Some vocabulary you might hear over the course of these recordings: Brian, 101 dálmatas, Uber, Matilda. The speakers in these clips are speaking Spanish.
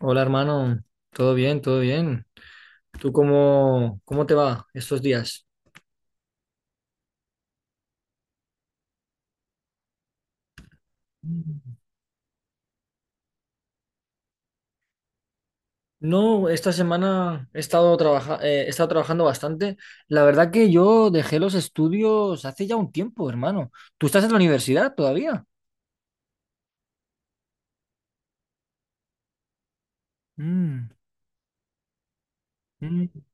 Hola hermano, todo bien, todo bien. ¿Tú cómo te va estos días? No, esta semana he estado he estado trabajando bastante. La verdad que yo dejé los estudios hace ya un tiempo, hermano. ¿Tú estás en la universidad todavía? Mm, mm,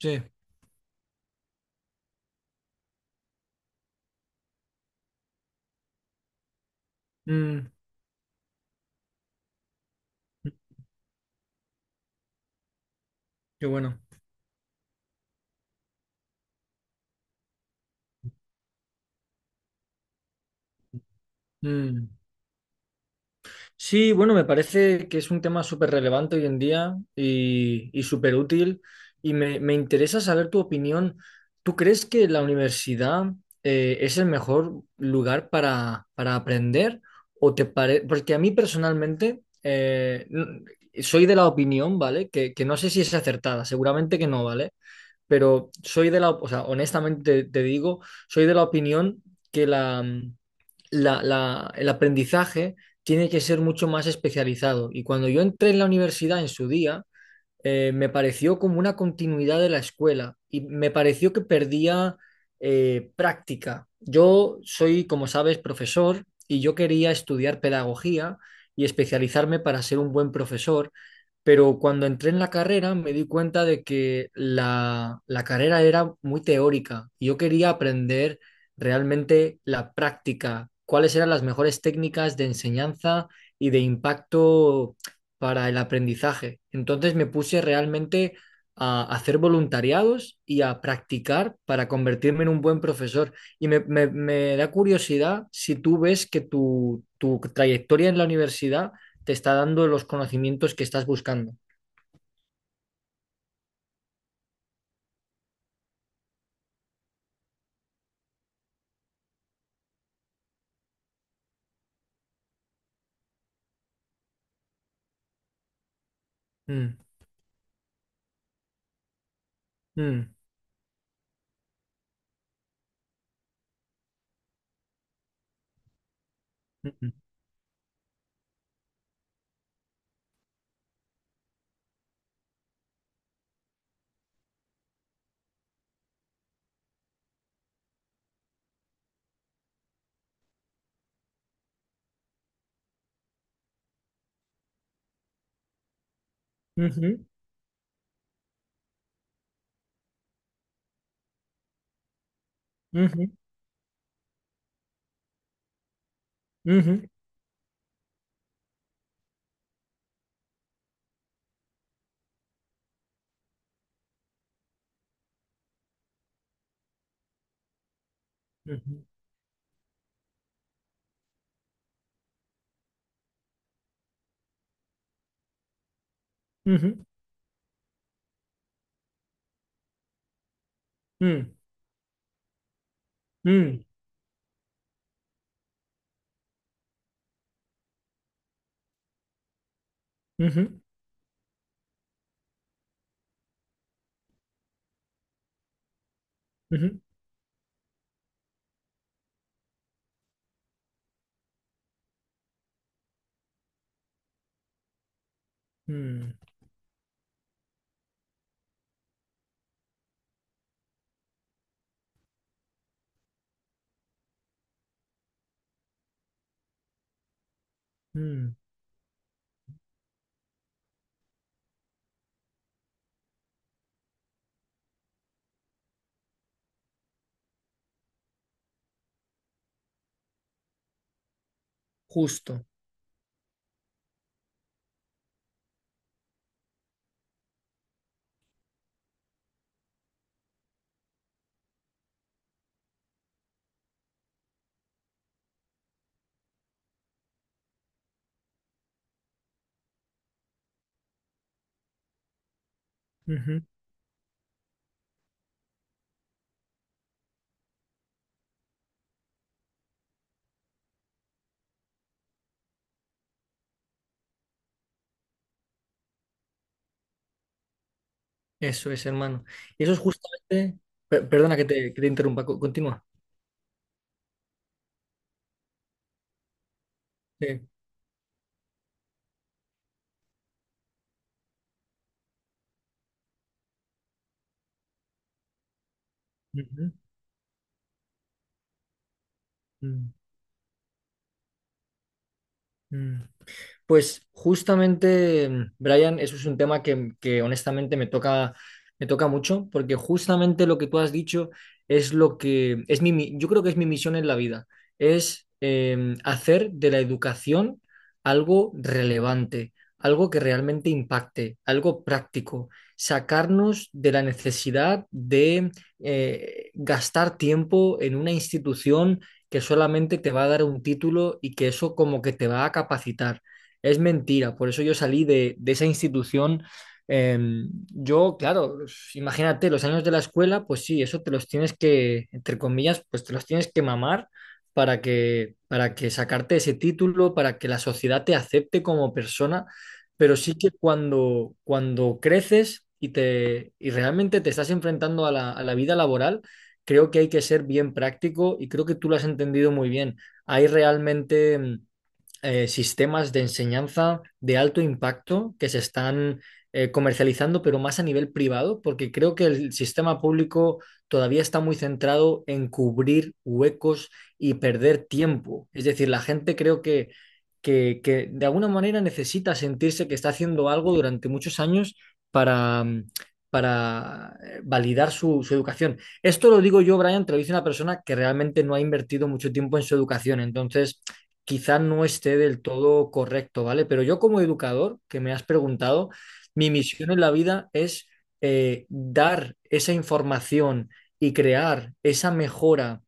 sí. Mm, qué bueno. Mm. Sí, bueno, me parece que es un tema súper relevante hoy en día y súper útil y me interesa saber tu opinión. ¿Tú crees que la universidad es el mejor lugar para aprender? Porque a mí personalmente soy de la opinión, ¿vale? Que no sé si es acertada, seguramente que no, ¿vale? Pero soy de la, o sea, honestamente te digo, soy de la opinión que la el aprendizaje tiene que ser mucho más especializado. Y cuando yo entré en la universidad en su día, me pareció como una continuidad de la escuela y me pareció que perdía práctica. Yo soy, como sabes, profesor y yo quería estudiar pedagogía y especializarme para ser un buen profesor, pero cuando entré en la carrera me di cuenta de que la carrera era muy teórica y yo quería aprender realmente la práctica, cuáles eran las mejores técnicas de enseñanza y de impacto para el aprendizaje. Entonces me puse realmente a hacer voluntariados y a practicar para convertirme en un buen profesor. Y me da curiosidad si tú ves que tu trayectoria en la universidad te está dando los conocimientos que estás buscando. Mm, mm, mm, ujú, ujú, ujú, ujú, ujú, mm, mm, ujú, ujú, mm, mm. Justo. Eso es, hermano. Y eso es justamente. Perdona que te interrumpa, continúa. Sí. Ujú, mm, mm. Pues justamente, Brian, eso es un tema que honestamente me toca mucho, porque justamente lo que tú has dicho es lo que es yo creo que es mi misión en la vida, es hacer de la educación algo relevante, algo que realmente impacte, algo práctico, sacarnos de la necesidad de gastar tiempo en una institución que solamente te va a dar un título y que eso como que te va a capacitar. Es mentira, por eso yo salí de esa institución. Eh, yo, claro, imagínate, los años de la escuela, pues sí, eso te los tienes que, entre comillas, pues te los tienes que mamar para que, sacarte ese título, para que la sociedad te acepte como persona, pero sí que cuando creces y realmente te estás enfrentando a la vida laboral, creo que hay que ser bien práctico y creo que tú lo has entendido muy bien. Hay realmente sistemas de enseñanza de alto impacto que se están comercializando, pero más a nivel privado, porque creo que el sistema público todavía está muy centrado en cubrir huecos y perder tiempo. Es decir, la gente creo que de alguna manera necesita sentirse que está haciendo algo durante muchos años para... mm, para validar su educación. Esto lo digo yo, Brian, te lo dice una persona que realmente no ha invertido mucho tiempo en su educación. Entonces, quizá no esté del todo correcto, ¿vale? Pero yo como educador, que me has preguntado, mi misión en la vida es dar esa información y crear esa mejora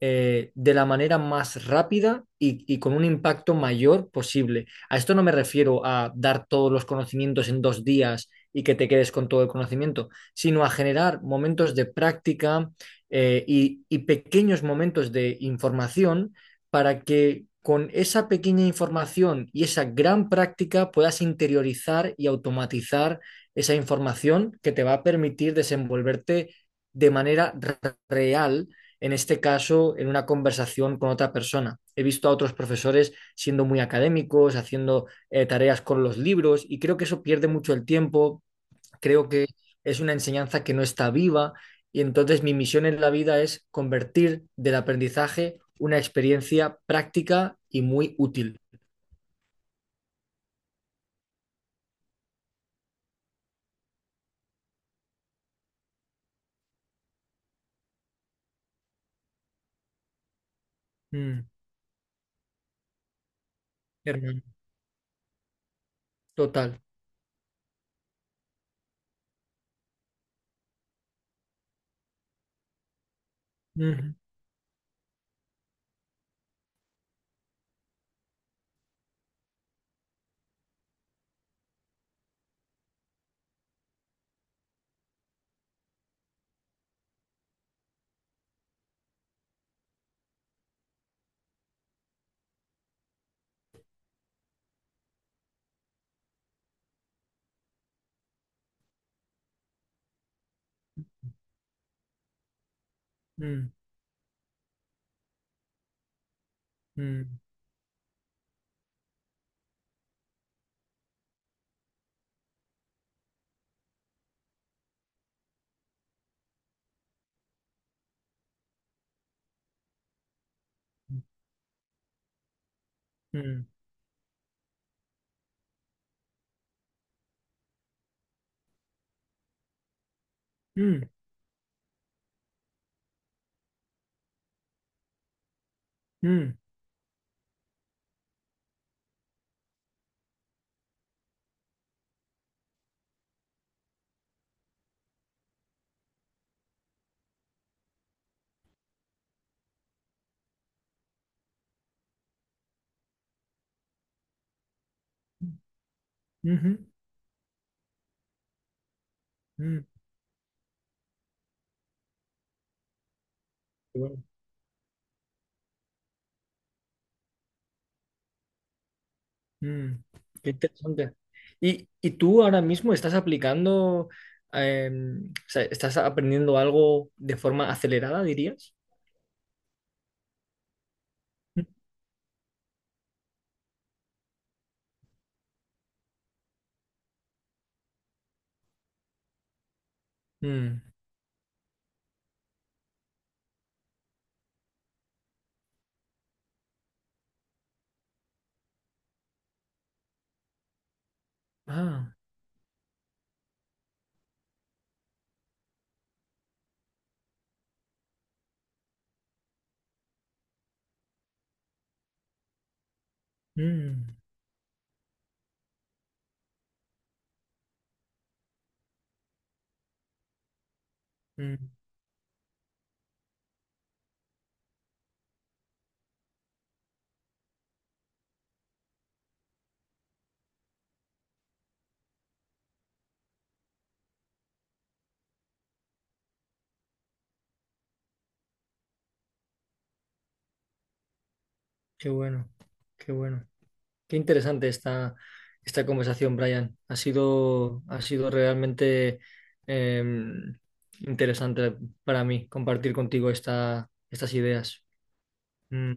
de la manera más rápida y con un impacto mayor posible. A esto no me refiero a dar todos los conocimientos en 2 días y que te quedes con todo el conocimiento, sino a generar momentos de práctica y pequeños momentos de información para que con esa pequeña información y esa gran práctica puedas interiorizar y automatizar esa información que te va a permitir desenvolverte de manera real, en este caso, en una conversación con otra persona. He visto a otros profesores siendo muy académicos, haciendo tareas con los libros y creo que eso pierde mucho el tiempo. Creo que es una enseñanza que no está viva y entonces mi misión en la vida es convertir del aprendizaje una experiencia práctica y muy útil. Mm, hermano. Total. Ujú, mm, mm, mm, mm, mm, ujú, mm. Qué bueno, mm. Qué interesante. ¿Y tú ahora mismo estás aplicando, eh, o sea, estás aprendiendo algo de forma acelerada, dirías? Mm, ah, mm, mm. Qué bueno, qué bueno. Qué interesante esta conversación, Brian. Ha sido realmente eh, interesante para mí compartir contigo estas ideas. Mm,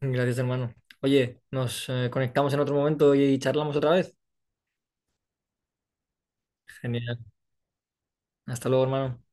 gracias, hermano. Oye, nos conectamos en otro momento y charlamos otra vez. Genial. Hasta luego, hermano.